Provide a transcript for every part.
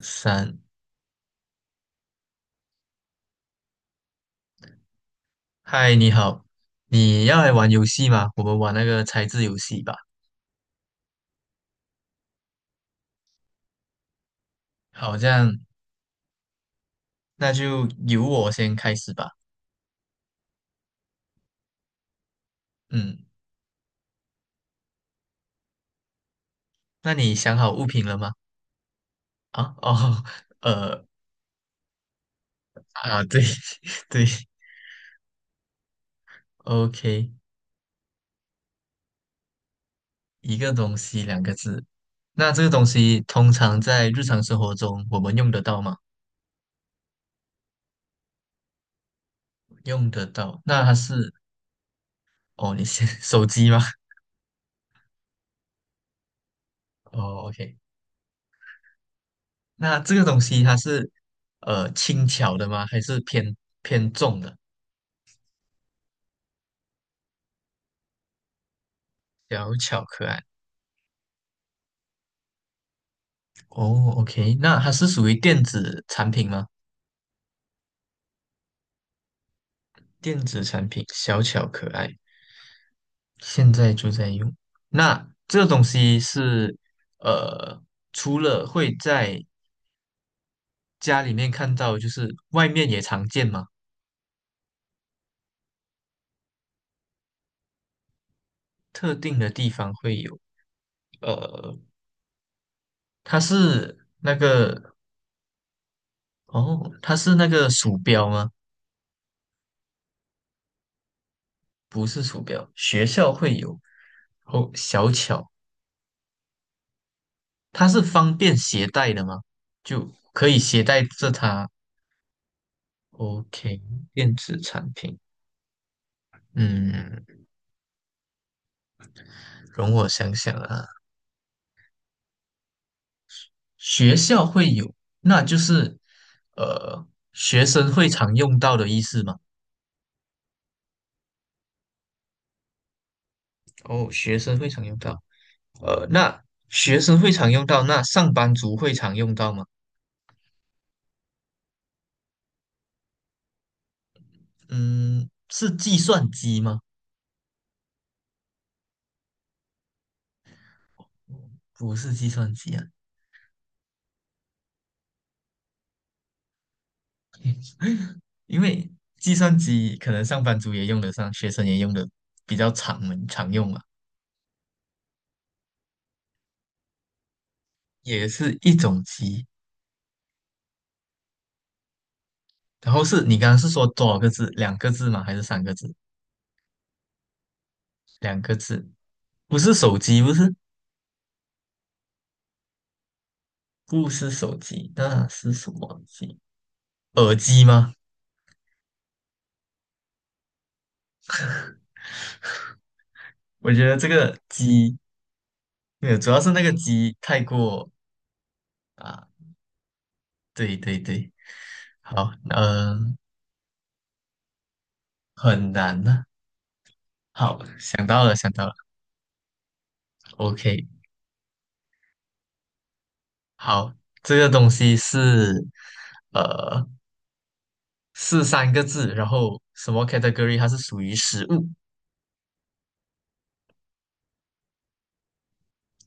三，嗨，你好，你要来玩游戏吗？我们玩那个猜字游戏吧。好，这样那就由我先开始吧。嗯，那你想好物品了吗？啊，哦，呃，啊，对 对，OK，一个东西两个字。那这个东西通常在日常生活中我们用得到吗？用得到。那它是，哦，你先 手机吗？哦，OK。那这个东西它是轻巧的吗？还是偏重的？小巧可爱。哦，OK，那它是属于电子产品吗？电子产品小巧可爱，现在就在用。那这个东西是呃，除了会在家里面看到，就是外面也常见吗？特定的地方会有。呃，它是那个哦，它是那个鼠标吗？不是鼠标，学校会有。哦，小巧它是方便携带的吗？就可以携带着它？OK,电子产品，嗯，容我想想啊，学校会有，那就是呃，学生会常用到的意思吗？哦，学生会常用到，那学生会常用到，那上班族会常用到吗？嗯，是计算机吗？不是计算机啊，因为计算机可能上班族也用得上，学生也用的比较常门常用嘛，也是一种机。然后是你刚刚是说多少个字？两个字吗？还是三个字？两个字，不是手机，不是手机，那是什么机？耳机吗？我觉得这个机，没有，主要是那个机太过啊，对对对，好，嗯、很难呢、好，想到了，想到了，OK,好，这个东西是呃是三个字，然后什么 category 它是属于食物，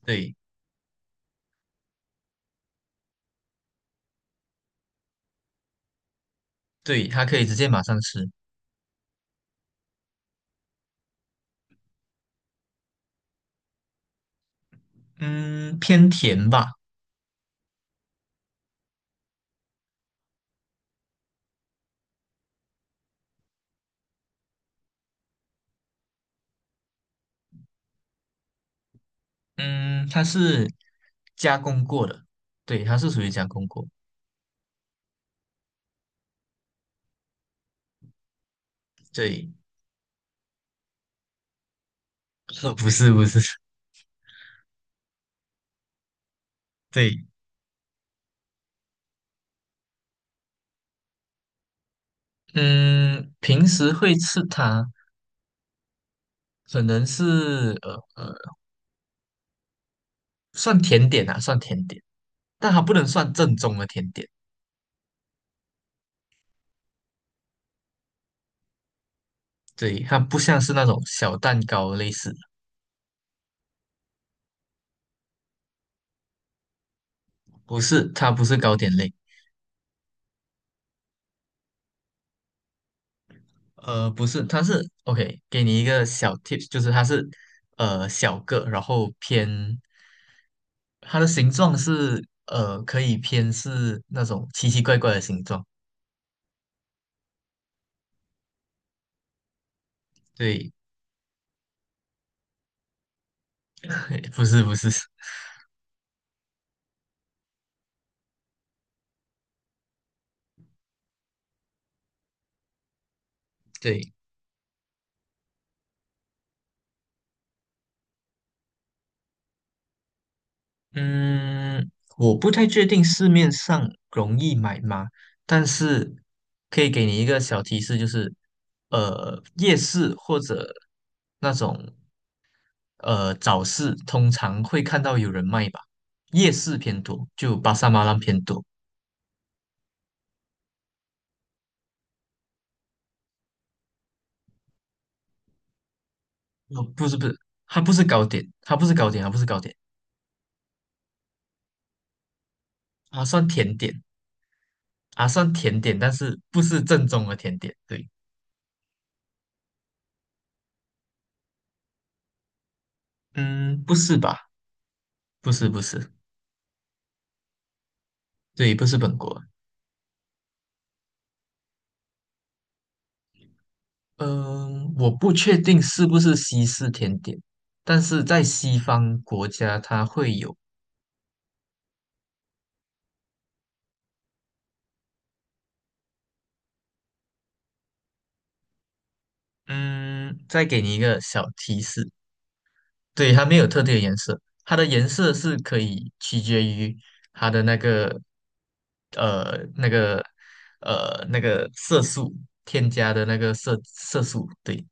对对，它可以直接马上吃，嗯，偏甜吧，嗯，它是加工过的，对，它是属于加工过，对，不是不是，对，嗯，平时会吃它，可能是算甜点啊，算甜点，但它不能算正宗的甜点，对，它不像是那种小蛋糕类似。不是，它不是糕点类，不是，它是 OK,给你一个小 tips,就是它是小个，然后偏它的形状是可以偏是那种奇奇怪怪的形状，对，不是不是，对，嗯，我不太确定市面上容易买吗，但是可以给你一个小提示，就是夜市或者那种早市通常会看到有人卖吧，夜市偏多，就巴沙马兰偏多。哦，不是不是，它不是糕点，它不是糕点，它不是糕点，啊，算甜点，啊，算甜点，但是不是正宗的甜点。对，嗯，不是吧？不是不是，对，不是本国。嗯、我不确定是不是西式甜点，但是在西方国家它会有。嗯，再给你一个小提示，对，它没有特定的颜色，它的颜色是可以取决于它的那个那个那个色素添加的那个色素，对，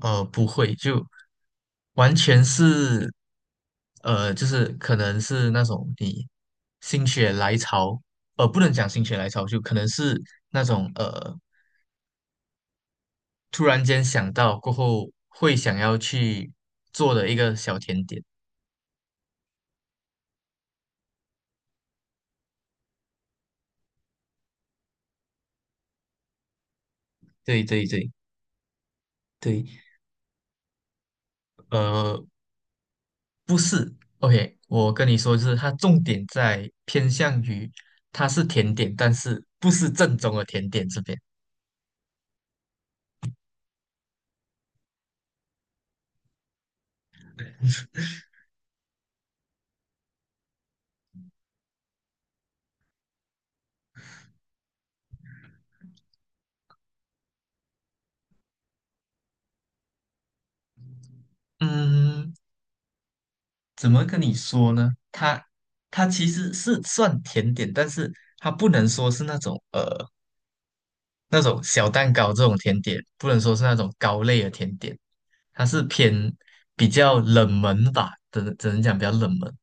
呃不会就完全是就是可能是那种你心血来潮，不能讲心血来潮，就可能是那种突然间想到过后会想要去做的一个小甜点，对对对。对，呃，不是，OK,我跟你说，就是它重点在偏向于它是甜点，但是不是正宗的甜点这边。嗯，怎么跟你说呢？它其实是算甜点，但是它不能说是那种那种小蛋糕这种甜点，不能说是那种糕类的甜点，它是偏比较冷门吧，只能讲比较冷门。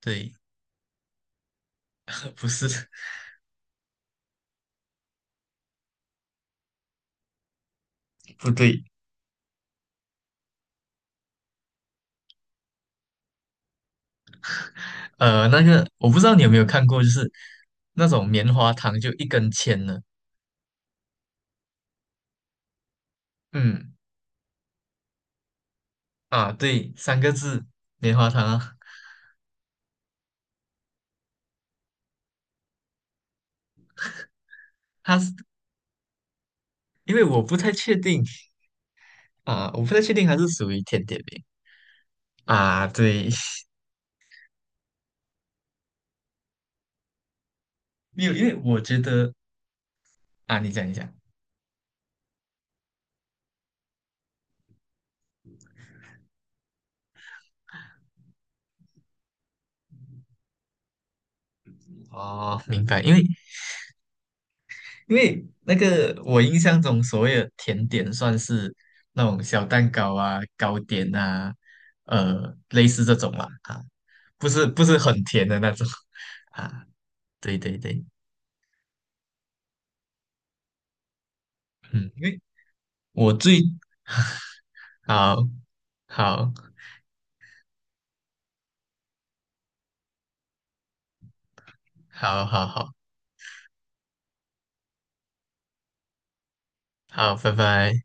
对，呃不是，不对，呃，那个我不知道你有没有看过，就是那种棉花糖，就一根签的。嗯，啊，对，三个字，棉花糖啊。它是因为我不太确定啊，我不太确定它是属于甜点饼啊。对，没有，因为我觉得啊，你讲一下哦，明白。因为因为那个我印象中所谓的甜点算是那种小蛋糕啊、糕点啊，类似这种啦啊，不是不是很甜的那种 啊。对对对，嗯，因为我最好好好好好好，拜拜。